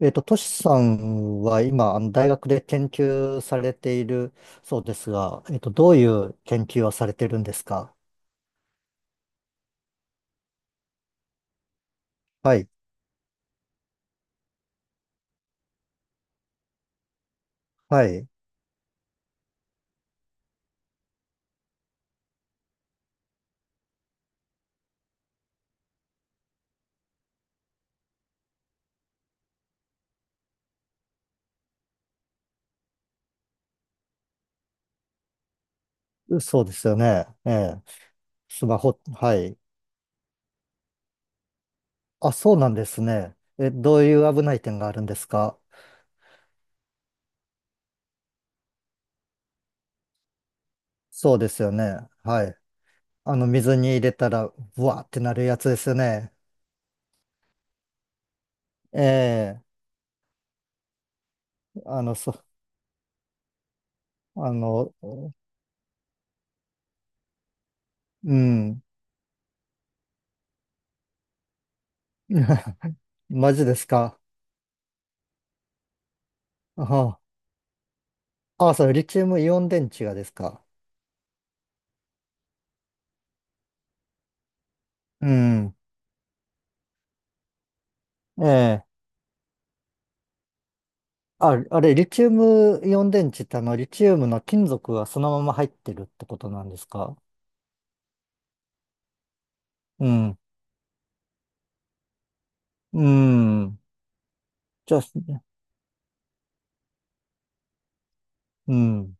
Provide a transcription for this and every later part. トシさんは今、あの大学で研究されているそうですが、どういう研究をされてるんですか？はい。はい、そうですよね。ええ。スマホ、はい。あ、そうなんですね。え、どういう危ない点があるんですか？そうですよね。はい。あの、水に入れたら、ブワーってなるやつですよね。ええ、あの、そ、あの、うん。マジですか？あ、あ、あそれ、リチウムイオン電池がですか？うん。ええ。あ、あれ、リチウムイオン電池ってあの、リチウムの金属がそのまま入ってるってことなんですか？うん。うん。じゃあ、うん。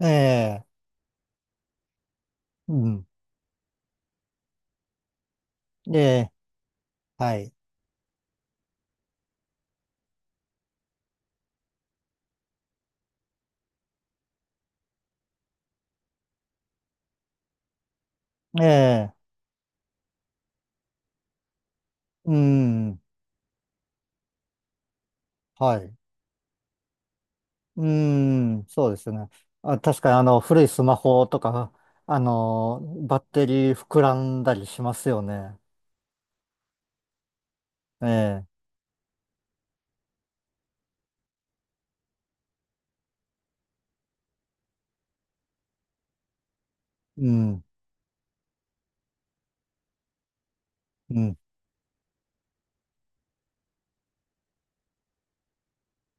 ええ。うん。ええ。はい。ええ。うん。はい。うん。そうですね。あ、確かにあの、古いスマホとか、あの、バッテリー膨らんだりしますよね。ええ。うん。うん。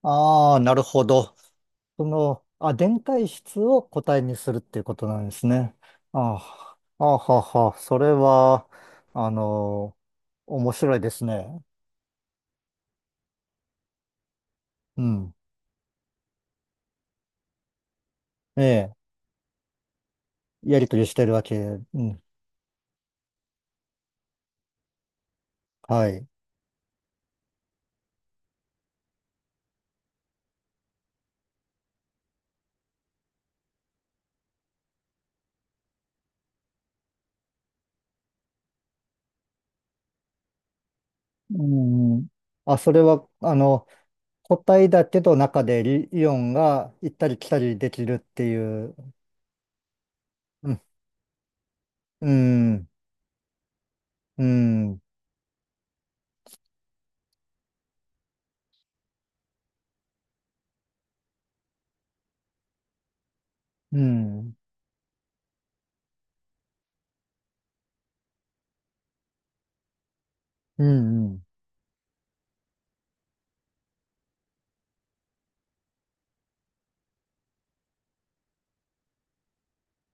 ああ、なるほど。その、あ、電解質を固体にするっていうことなんですね。ああ、ああはあはあ、それは、あの、面白いですね。うん。ええ、やりとりしてるわけ。うん。はい。うん。あ、それは、あの、固体だけど中でイイオンが行ったり来たりできるっていう。うん。うん。うん。うん。うん。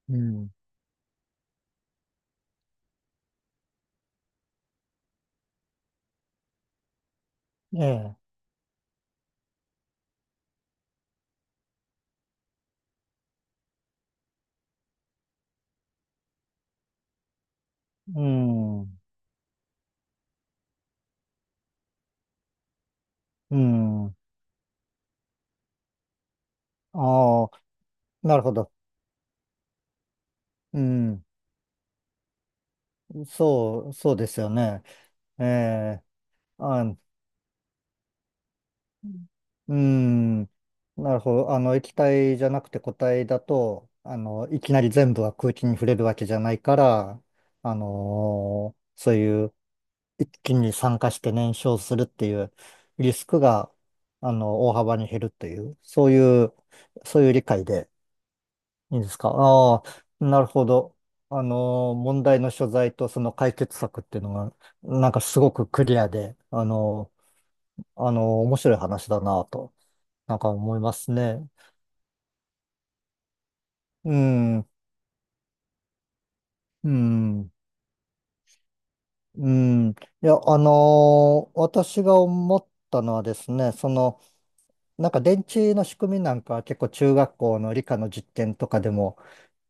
うん。うんええ。うん。うん。ああ。なるほど。うん、そうですよね。ええ、あ、うん、なるほど。あの、液体じゃなくて固体だと、あの、いきなり全部は空気に触れるわけじゃないから、あのー、そういう一気に酸化して燃焼するっていうリスクが、あの、大幅に減るっていう、そういう、そういう理解でいいですか。ああ、なるほど。あのー、問題の所在とその解決策っていうのが、なんかすごくクリアで、あのー、あのー、面白い話だなと、なんか思いますね。うん、うん、うん。いや、あのー、私が思ったのはですね、その、なんか電池の仕組みなんかは結構中学校の理科の実験とかでも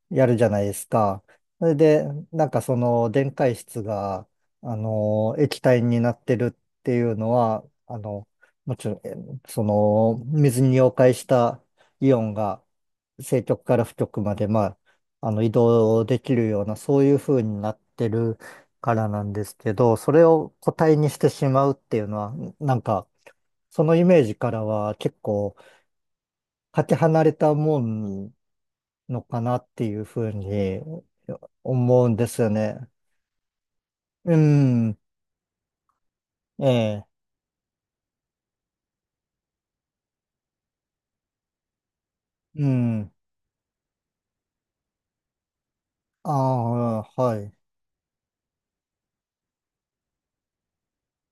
やるじゃないですか。それで、なんかその電解質が、あの、液体になってるっていうのは、あの、もちろん、え、その、水に溶解したイオンが正極から負極まで、まあ、あの、移動できるような、そういう風になってるからなんですけど、それを固体にしてしまうっていうのは、なんか、そのイメージからは結構かけ離れたもんのかなっていうふうに思うんですよね。うん、ええ、うん、ああ、はい、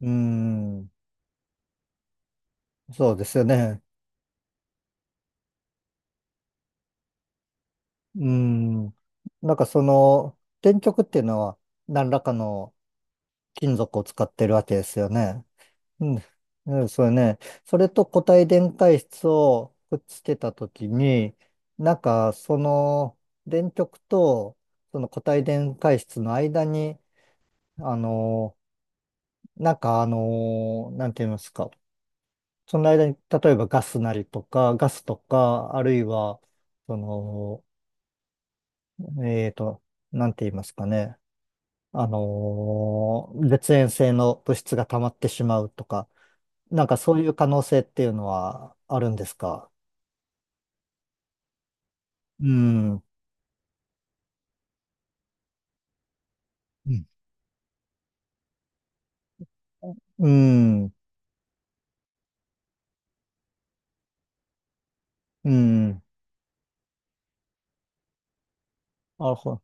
うん、そうですよね。うん、なんかその、電極っていうのは何らかの金属を使ってるわけですよね。うん、うん、そうね。それと固体電解質をくっつけたときに、なんかその電極とその固体電解質の間に、あの、なんかあのー、なんて言いますか。その間に、例えばガスなりとか、ガスとか、あるいは、その、えーと、なんて言いますかね。あのー、絶縁性の物質が溜まってしまうとか、なんかそういう可能性っていうのはあるんですか？うん、うん、うん、うん。なるほ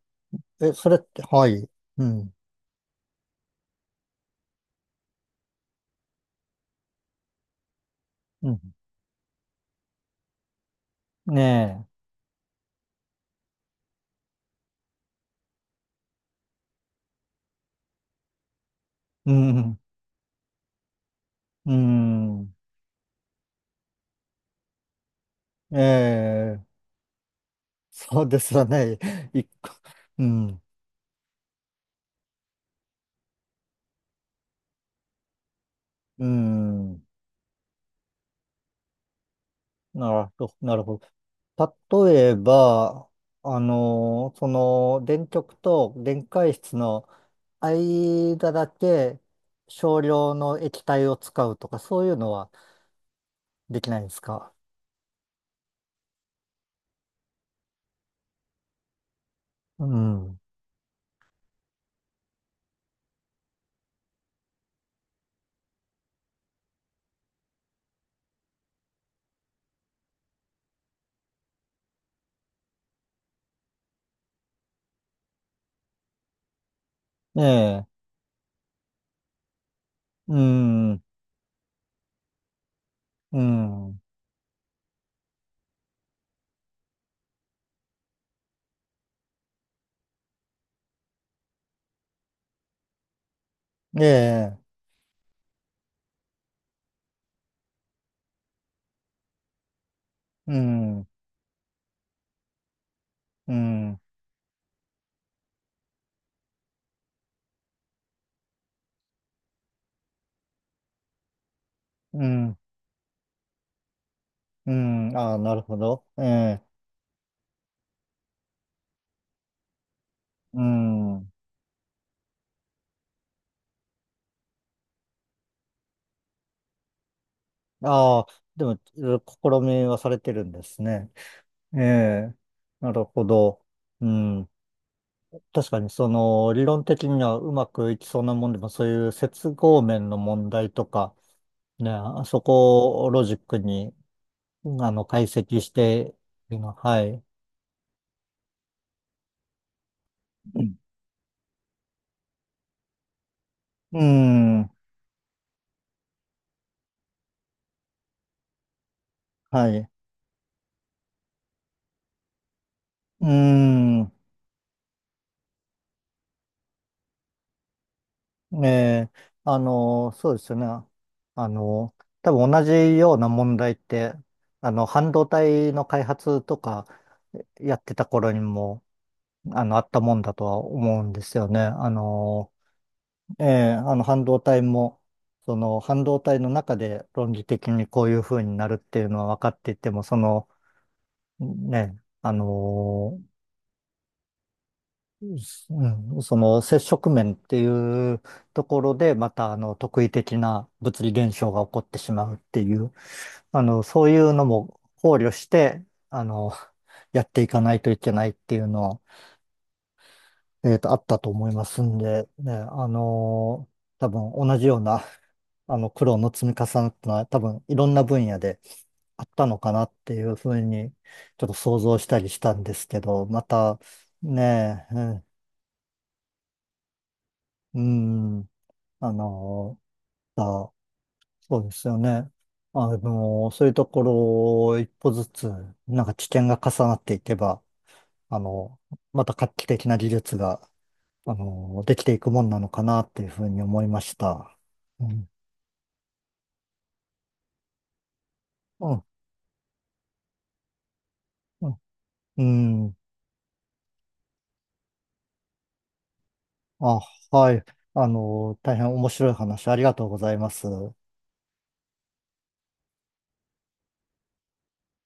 ど。え、それって、はい。うん、うん。ねえ。うん、うん。ええ、そうですよね。一個、うん、うん、なるほど、なるほど。例えば、あの、その、電極と電解質の間だけ少量の液体を使うとか、そういうのはできないですか？うん。ええ、うん、うん、ええ、うん、うん、うん、うん、ああ、なるほど。ええ、うん。ああ、でも、いろいろ試みはされてるんですね。ええ、なるほど。うん。確かに、その、理論的にはうまくいきそうなもんでも、そういう接合面の問題とか、ね、あそこをロジックに、あの、解析して、いうのは、はい。うん。うん、はい。うん。ええ、あの、そうですよね。あの、多分同じような問題って、あの、半導体の開発とかやってた頃にも、あの、あったもんだとは思うんですよね。あの、ええ、あの、半導体も、その、半導体の中で論理的にこういう風になるっていうのは分かっていても、その、ね、あの、うん、その接触面っていうところで、またあの特異的な物理現象が起こってしまうっていう、あの、そういうのも考慮して、あの、やっていかないといけないっていうのは、あったと思いますんで、ね、あの、多分同じような、あの、苦労の積み重なったのは、多分いろんな分野であったのかなっていうふうに、ちょっと想像したりしたんですけど、また、ねえ、うん、うん、あの、あ、そうですよね。あの、そういうところを一歩ずつ、なんか知見が重なっていけば、あの、また画期的な技術が、あの、できていくもんなのかなっていうふうに思いました。うん、うん、うん、うん、あ、はい。あの、大変面白い話ありがとうございます。